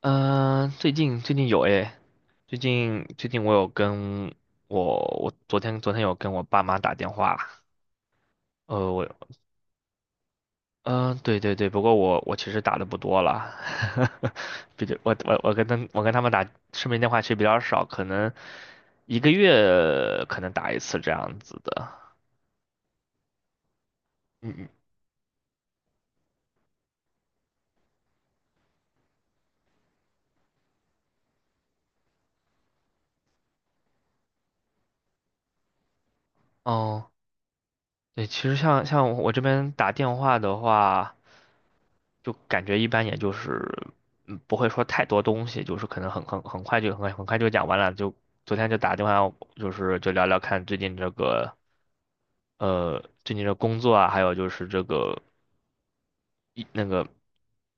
嗯，最近有诶，最近我有跟我昨天有跟我爸妈打电话，呃我嗯、呃对对对，不过我其实打的不多了，比较我我我跟他们我跟他们打视频电话其实比较少，可能一个月可能打一次这样子的，嗯嗯，哦，对，其实像我这边打电话的话，就感觉一般，也就是不会说太多东西，就是可能很快就很快就讲完了。就昨天就打电话，就是就聊聊看最近这个最近的工作啊，还有就是这个那个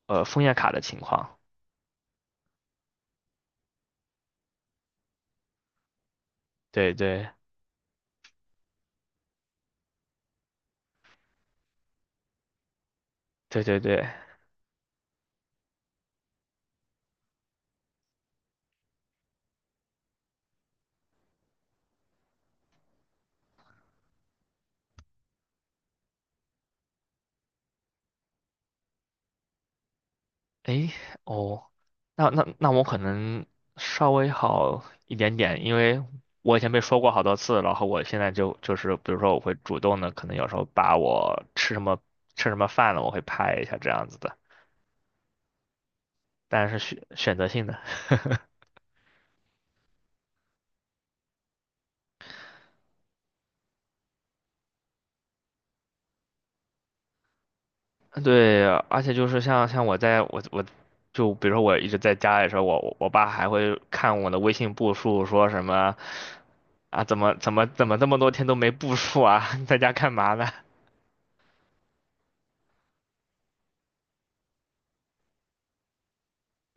枫叶卡的情况。对对对对对，诶，哦，那我可能稍微好一点点，因为我以前被说过好多次，然后我现在就是，比如说我会主动的，可能有时候把我吃什么饭了，我会拍一下这样子的，但是选择性的。对，而且就是像像我在我我就比如说我一直在家里的时候，我爸还会看我的微信步数，说什么啊怎么这么多天都没步数啊，在家干嘛呢？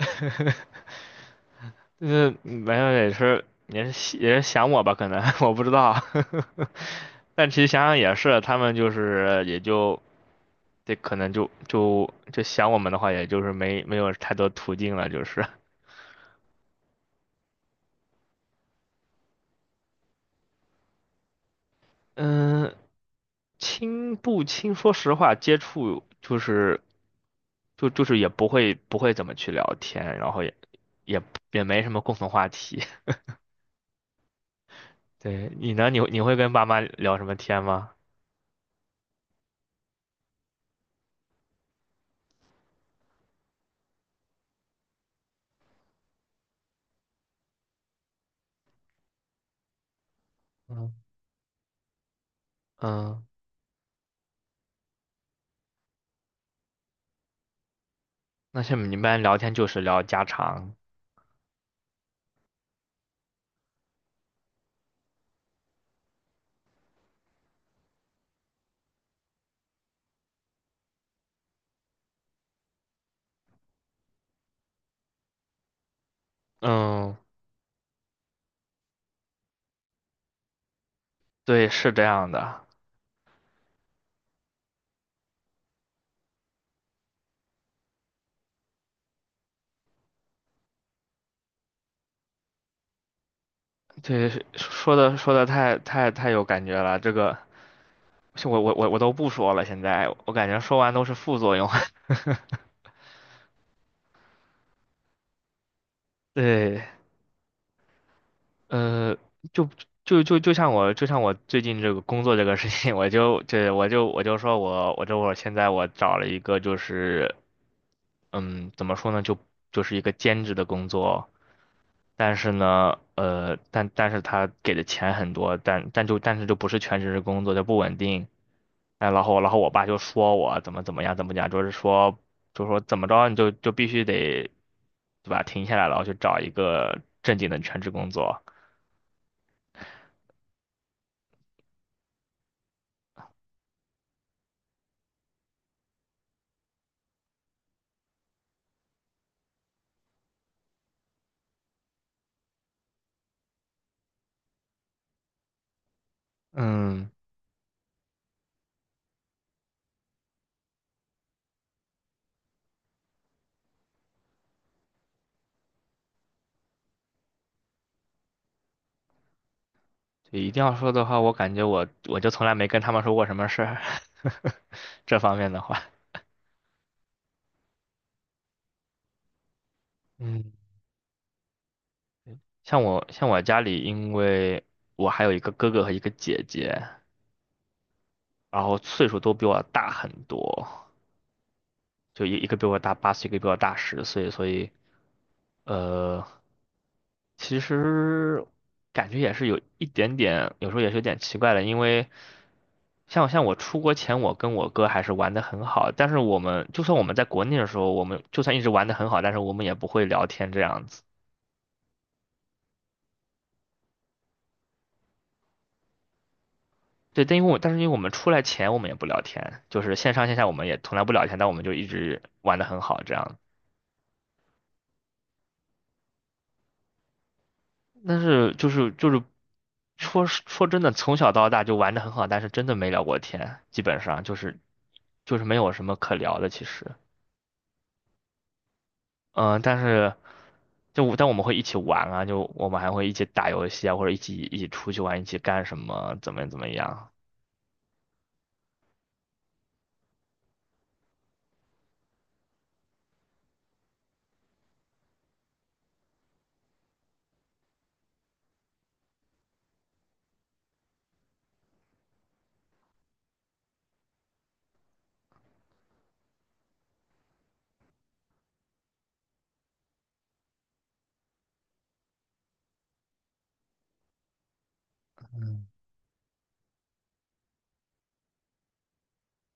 就是没有也是想我吧，可能 我不知道，但其实想想也是，他们就是也就这可能就想我们的话，也就是没有太多途径了，就是嗯，亲不亲，说实话，接触就是就是也不会怎么去聊天，然后也也没什么共同话题。对你呢，你会跟爸妈聊什么天吗？嗯，嗯，那像你们一般聊天就是聊家常。嗯，对，是这样的。对，说的太有感觉了，这个我都不说了，现在我感觉说完都是副作用。对，呃，就就像我最近这个工作这个事情，我就说我这会儿现在我找了一个就是怎么说呢，就是一个兼职的工作，但是他给的钱很多，但是就不是全职的工作，就不稳定。哎，然后我爸就说我怎么样怎么讲，就是说怎么着你就必须得，对吧？停下来，然后去找一个正经的全职工作。嗯，对，一定要说的话，我感觉我就从来没跟他们说过什么事儿，这方面的话。嗯，像我家里，因为我还有一个哥哥和一个姐姐，然后岁数都比我大很多，就一个比我大8岁，一个比我大10岁，所以呃，其实感觉也是有一点点，有时候也是有点奇怪的，因为像我出国前，我跟我哥还是玩的很好，但是我们就算我们在国内的时候，我们就算一直玩的很好，但是我们也不会聊天这样子。对，但是因为我们出来前我们也不聊天，就是线上线下我们也从来不聊天，但我们就一直玩的很好这样，但是就是说，说真的，从小到大就玩的很好，但是真的没聊过天，基本上就是没有什么可聊的，其实，嗯，但是但我们会一起玩啊，就我们还会一起打游戏啊，或者一起出去玩，一起干什么，怎么样，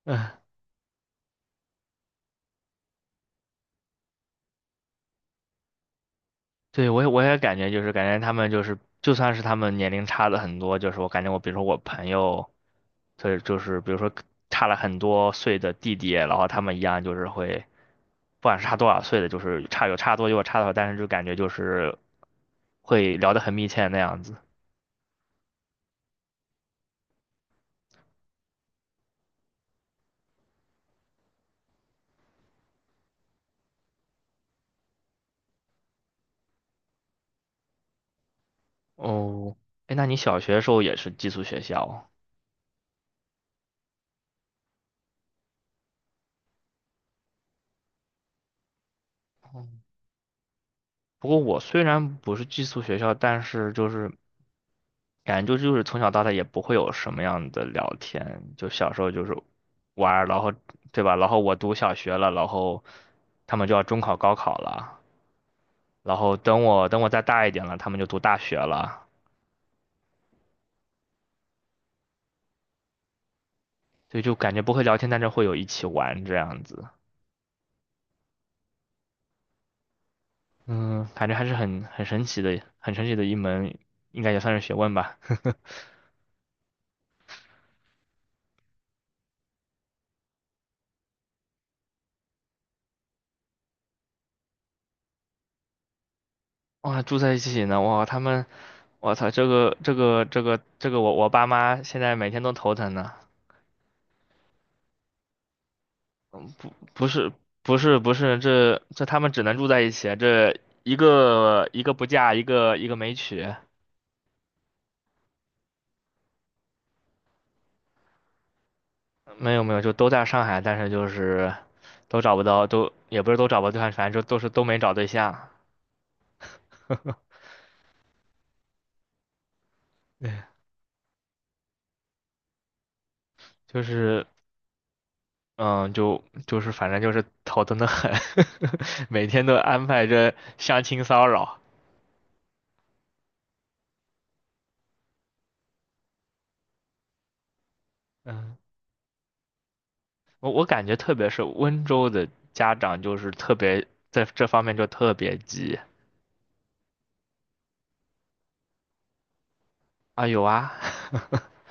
唉，对，我也感觉就是感觉他们就是就算是他们年龄差的很多，就是我感觉我比如说我朋友，对，就是比如说差了很多岁的弟弟，然后他们一样就是会，不管是差多少岁的，就是差有差多有差少，但是就感觉就是会聊得很密切那样子。哦，哎，那你小学的时候也是寄宿学校？哦，不过我虽然不是寄宿学校，但是就是感觉就是从小到大也不会有什么样的聊天，就小时候就是玩儿，然后对吧？然后我读小学了，然后他们就要中考、高考了，然后等我再大一点了，他们就读大学了，所以就感觉不会聊天，但是会有一起玩这样子。嗯，感觉还是很神奇的，很神奇的一门，应该也算是学问吧。哇，住在一起呢，哇，他们，我操，这个我爸妈现在每天都头疼呢。不是不是不是，这他们只能住在一起啊，这一个不嫁，一个没娶，没有没有，就都在上海，但是就是都找不到，都也不是都找不到对象，反正就都是都没找对象，对，就是嗯，就是反正就是头疼的很，每天都安排着相亲骚扰，嗯，我感觉特别是温州的家长就是特别在这方面就特别急，啊，有啊。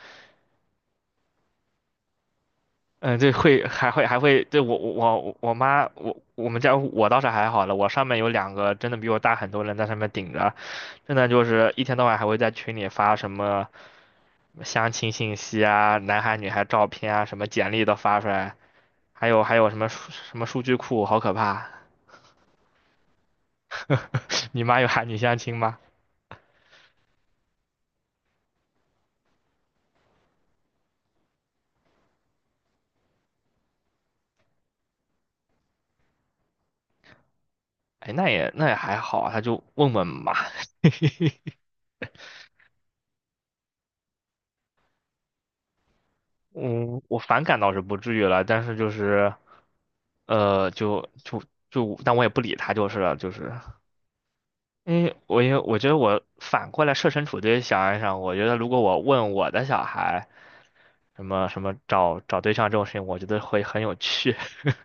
嗯，对，会还会，对，我妈我们家我倒是还好了，我上面有两个真的比我大很多人在上面顶着，真的就是一天到晚还会在群里发什么相亲信息啊、男孩女孩照片啊、什么简历都发出来，还有什么数据库，好可怕！你妈有喊你相亲吗？哎，那也还好啊，她就问问嘛。嗯，我反感倒是不至于了，但是就是，就就就，但我也不理他就是了，就是，因为我觉得我反过来设身处地想一想，我觉得如果我问我的小孩什么找找对象这种事情，我觉得会很有趣，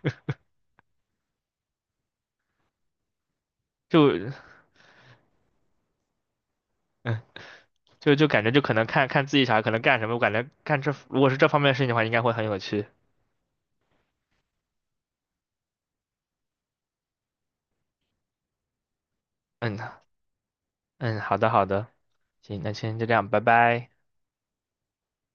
就嗯，就感觉就可能看看自己小孩可能干什么，我感觉如果是这方面的事情的话，应该会很有趣。嗯嗯，好的好的，行，那今天就这样，拜拜。